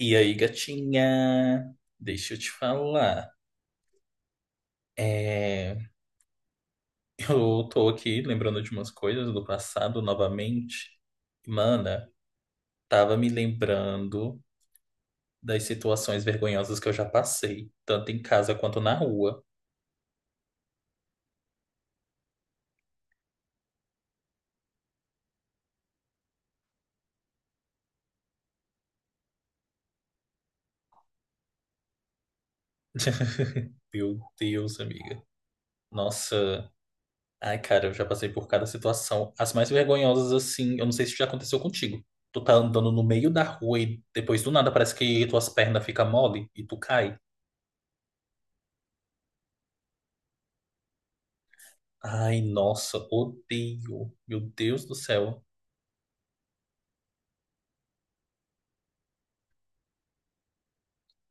E aí, gatinha? Deixa eu te falar. É, eu tô aqui lembrando de umas coisas do passado novamente. Mana, tava me lembrando das situações vergonhosas que eu já passei, tanto em casa quanto na rua. Meu Deus, amiga. Nossa. Ai, cara, eu já passei por cada situação. As mais vergonhosas, assim, eu não sei se já aconteceu contigo. Tu tá andando no meio da rua e depois do nada parece que tuas pernas ficam mole e tu cai. Ai, nossa, odeio. Meu Deus do céu.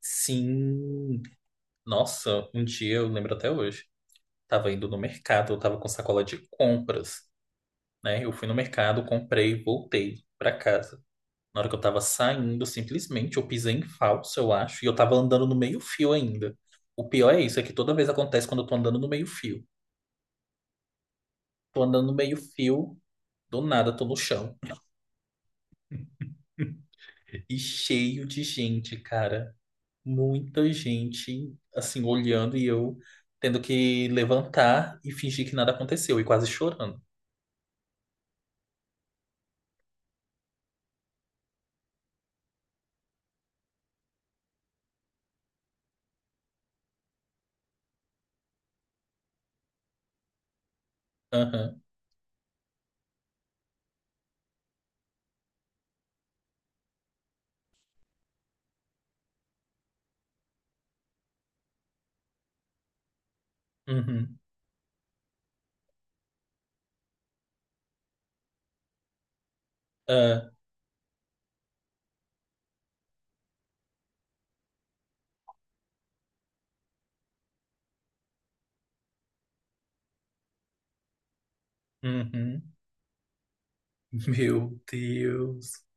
Sim. Nossa, um dia eu lembro até hoje. Tava indo no mercado, eu tava com sacola de compras, né? Eu fui no mercado, comprei, voltei pra casa. Na hora que eu tava saindo, simplesmente eu pisei em falso, eu acho, e eu tava andando no meio-fio ainda. O pior é isso, é que toda vez acontece quando eu tô andando no meio-fio. Tô andando no meio-fio, do nada tô no chão. E cheio de gente, cara. Muita gente assim olhando e eu tendo que levantar e fingir que nada aconteceu e quase chorando. Aham, uhum, ah, uhum. Meu Deus.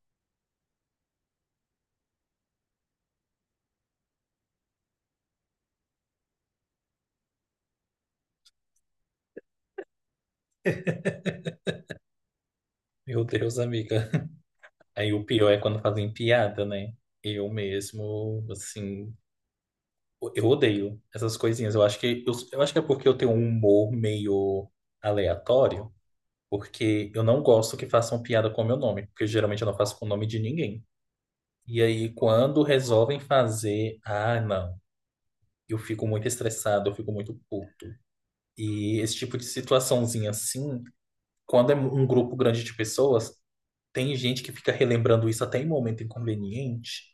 Meu Deus, amiga. Aí o pior é quando fazem piada, né? Eu mesmo, assim, eu odeio essas coisinhas. Eu acho que eu acho que é porque eu tenho um humor meio aleatório, porque eu não gosto que façam piada com o meu nome, porque geralmente eu não faço com o nome de ninguém. E aí, quando resolvem fazer, ah, não, eu fico muito estressado, eu fico muito puto. E esse tipo de situaçãozinha assim, quando é um grupo grande de pessoas, tem gente que fica relembrando isso até em momento inconveniente.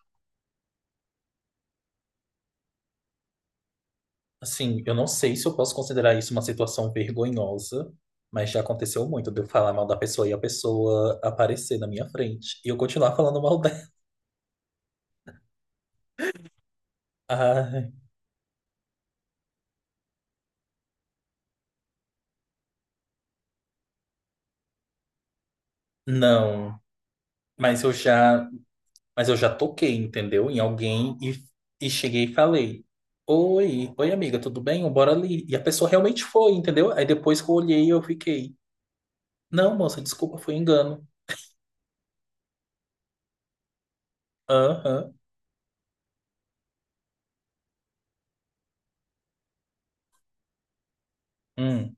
Assim, eu não sei se eu posso considerar isso uma situação vergonhosa, mas já aconteceu muito de eu falar mal da pessoa e a pessoa aparecer na minha frente e eu continuar falando mal dela. Ah, não. Mas eu já Mas eu já toquei, entendeu? Em alguém e cheguei e falei: Oi, oi amiga, tudo bem? Bora ali. E a pessoa realmente foi, entendeu? Aí depois que eu olhei, eu fiquei: Não, moça, desculpa, foi engano. Aham, hum,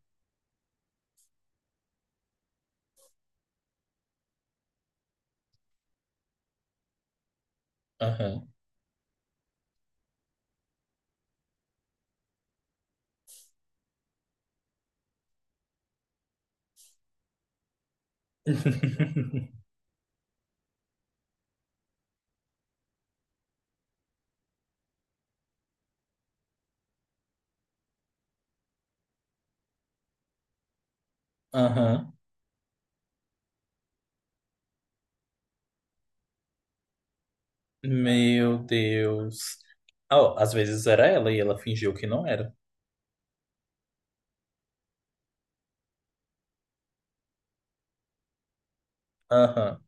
aham. Aham. Meu Deus. Ah, ó, às vezes era ela e ela fingiu que não era. Aham.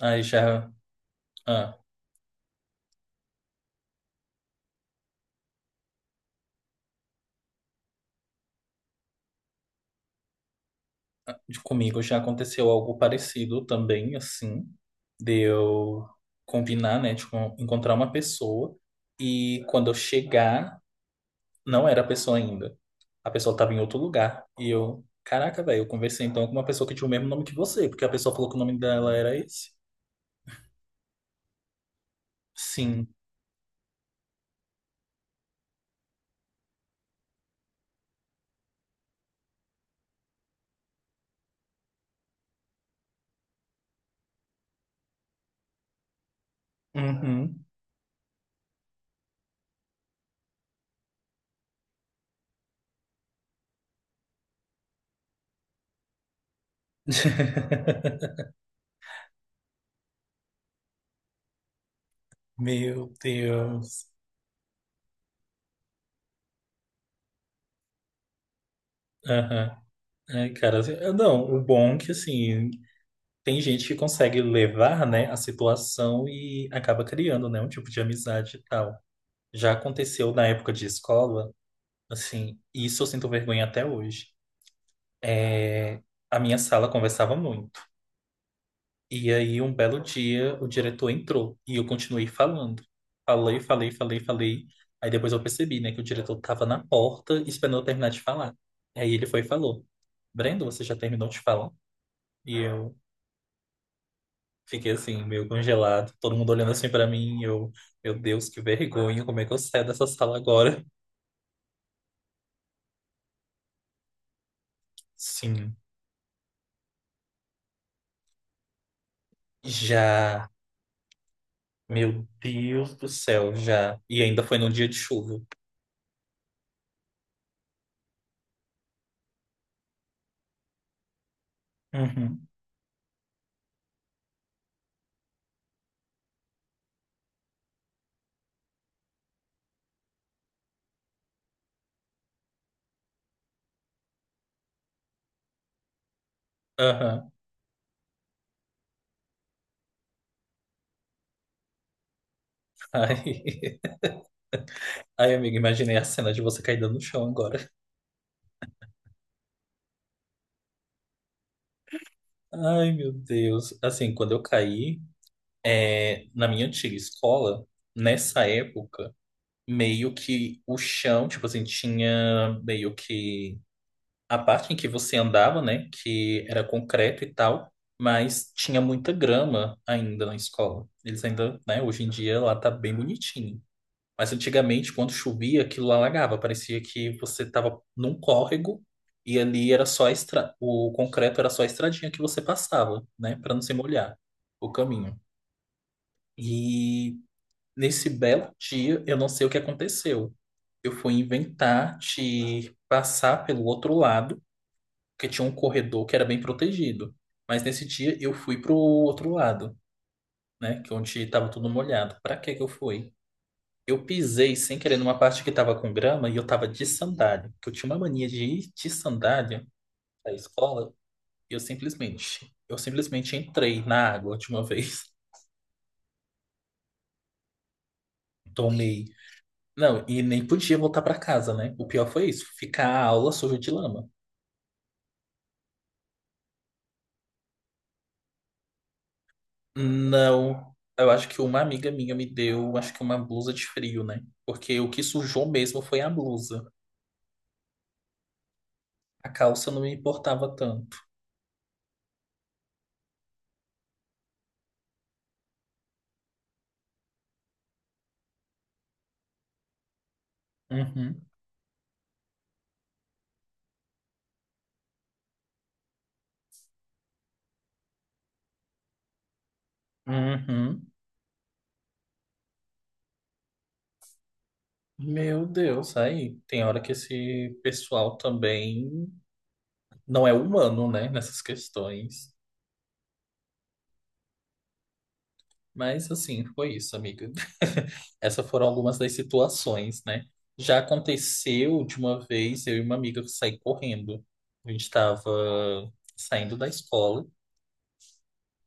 Aí já. Ah. De comigo já aconteceu algo parecido também, assim, de eu combinar, né, de encontrar uma pessoa e quando eu chegar, não era a pessoa ainda. A pessoa estava em outro lugar e eu, caraca, velho, eu conversei então com uma pessoa que tinha o mesmo nome que você, porque a pessoa falou que o nome dela era esse. Sim. Uhum. Meu Deus. Aham. Ai, cara, assim, não, o bom é que assim, tem gente que consegue levar, né, a situação e acaba criando, né, um tipo de amizade e tal. Já aconteceu na época de escola, assim, e isso eu sinto vergonha até hoje. É, a minha sala conversava muito. E aí, um belo dia, o diretor entrou e eu continuei falando. Falei, falei, falei, falei. Aí depois eu percebi, né, que o diretor estava na porta esperando eu terminar de falar. Aí ele foi e falou: Brendo, você já terminou de falar? E eu. Fiquei assim, meio congelado, todo mundo olhando assim pra mim, e eu, meu Deus, que vergonha, como é que eu saio dessa sala agora? Sim, já, meu Deus do céu, já. E ainda foi num dia de chuva. Uhum. Aham. Ai, ai, amiga, imaginei a cena de você caindo no chão agora. Ai, meu Deus. Assim, quando eu caí, é, na minha antiga escola, nessa época, meio que o chão, tipo assim, tinha meio que a parte em que você andava, né, que era concreto e tal, mas tinha muita grama ainda na escola. Eles ainda, né, hoje em dia lá tá bem bonitinho. Mas antigamente, quando chovia, aquilo alagava, parecia que você tava num córrego e ali era só a estra... o concreto era só a estradinha que você passava, né, para não se molhar o caminho. E nesse belo dia, eu não sei o que aconteceu. Eu fui inventar de passar pelo outro lado porque tinha um corredor que era bem protegido. Mas nesse dia eu fui pro outro lado, né? Que é onde tava tudo molhado. Pra que que eu fui? Eu pisei sem querer numa parte que tava com grama e eu tava de sandália. Porque eu tinha uma mania de ir de sandália à escola e eu simplesmente entrei na água de uma vez. Tomei. Não, e nem podia voltar pra casa, né? O pior foi isso, ficar a aula suja de lama. Não, eu acho que uma amiga minha me deu, acho que uma blusa de frio, né? Porque o que sujou mesmo foi a blusa. A calça não me importava tanto. Uhum, uhum. Meu Deus, aí tem hora que esse pessoal também não é humano, né? Nessas questões. Mas assim, foi isso, amiga. Essas foram algumas das situações, né? Já aconteceu de uma vez eu e uma amiga sair correndo. A gente estava saindo da escola.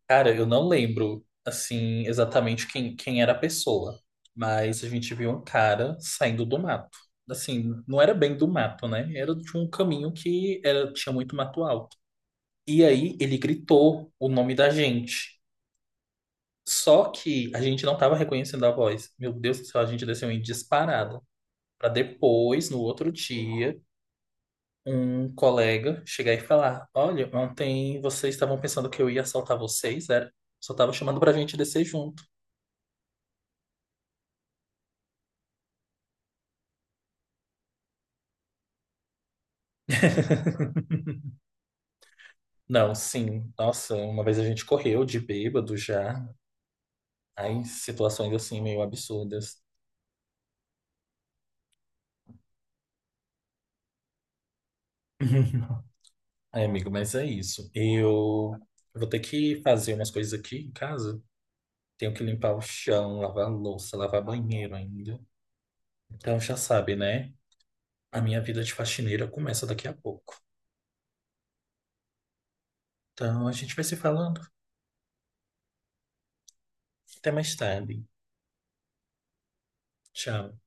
Cara, eu não lembro, assim, exatamente quem era a pessoa, mas a gente viu um cara saindo do mato. Assim, não era bem do mato, né? Era de um caminho que era, tinha muito mato alto. E aí ele gritou o nome da gente. Só que a gente não estava reconhecendo a voz. Meu Deus do céu, a gente desceu em disparada. Para depois, no outro dia, um colega chegar e falar: Olha, ontem vocês estavam pensando que eu ia assaltar vocês, era? Só tava chamando pra gente descer junto. Não, sim. Nossa, uma vez a gente correu de bêbado já. Aí, situações assim meio absurdas. Ai, amigo, mas é isso. Eu vou ter que fazer umas coisas aqui em casa. Tenho que limpar o chão, lavar a louça, lavar banheiro ainda. Então já sabe, né? A minha vida de faxineira começa daqui a pouco. Então a gente vai se falando. Até mais tarde. Tchau.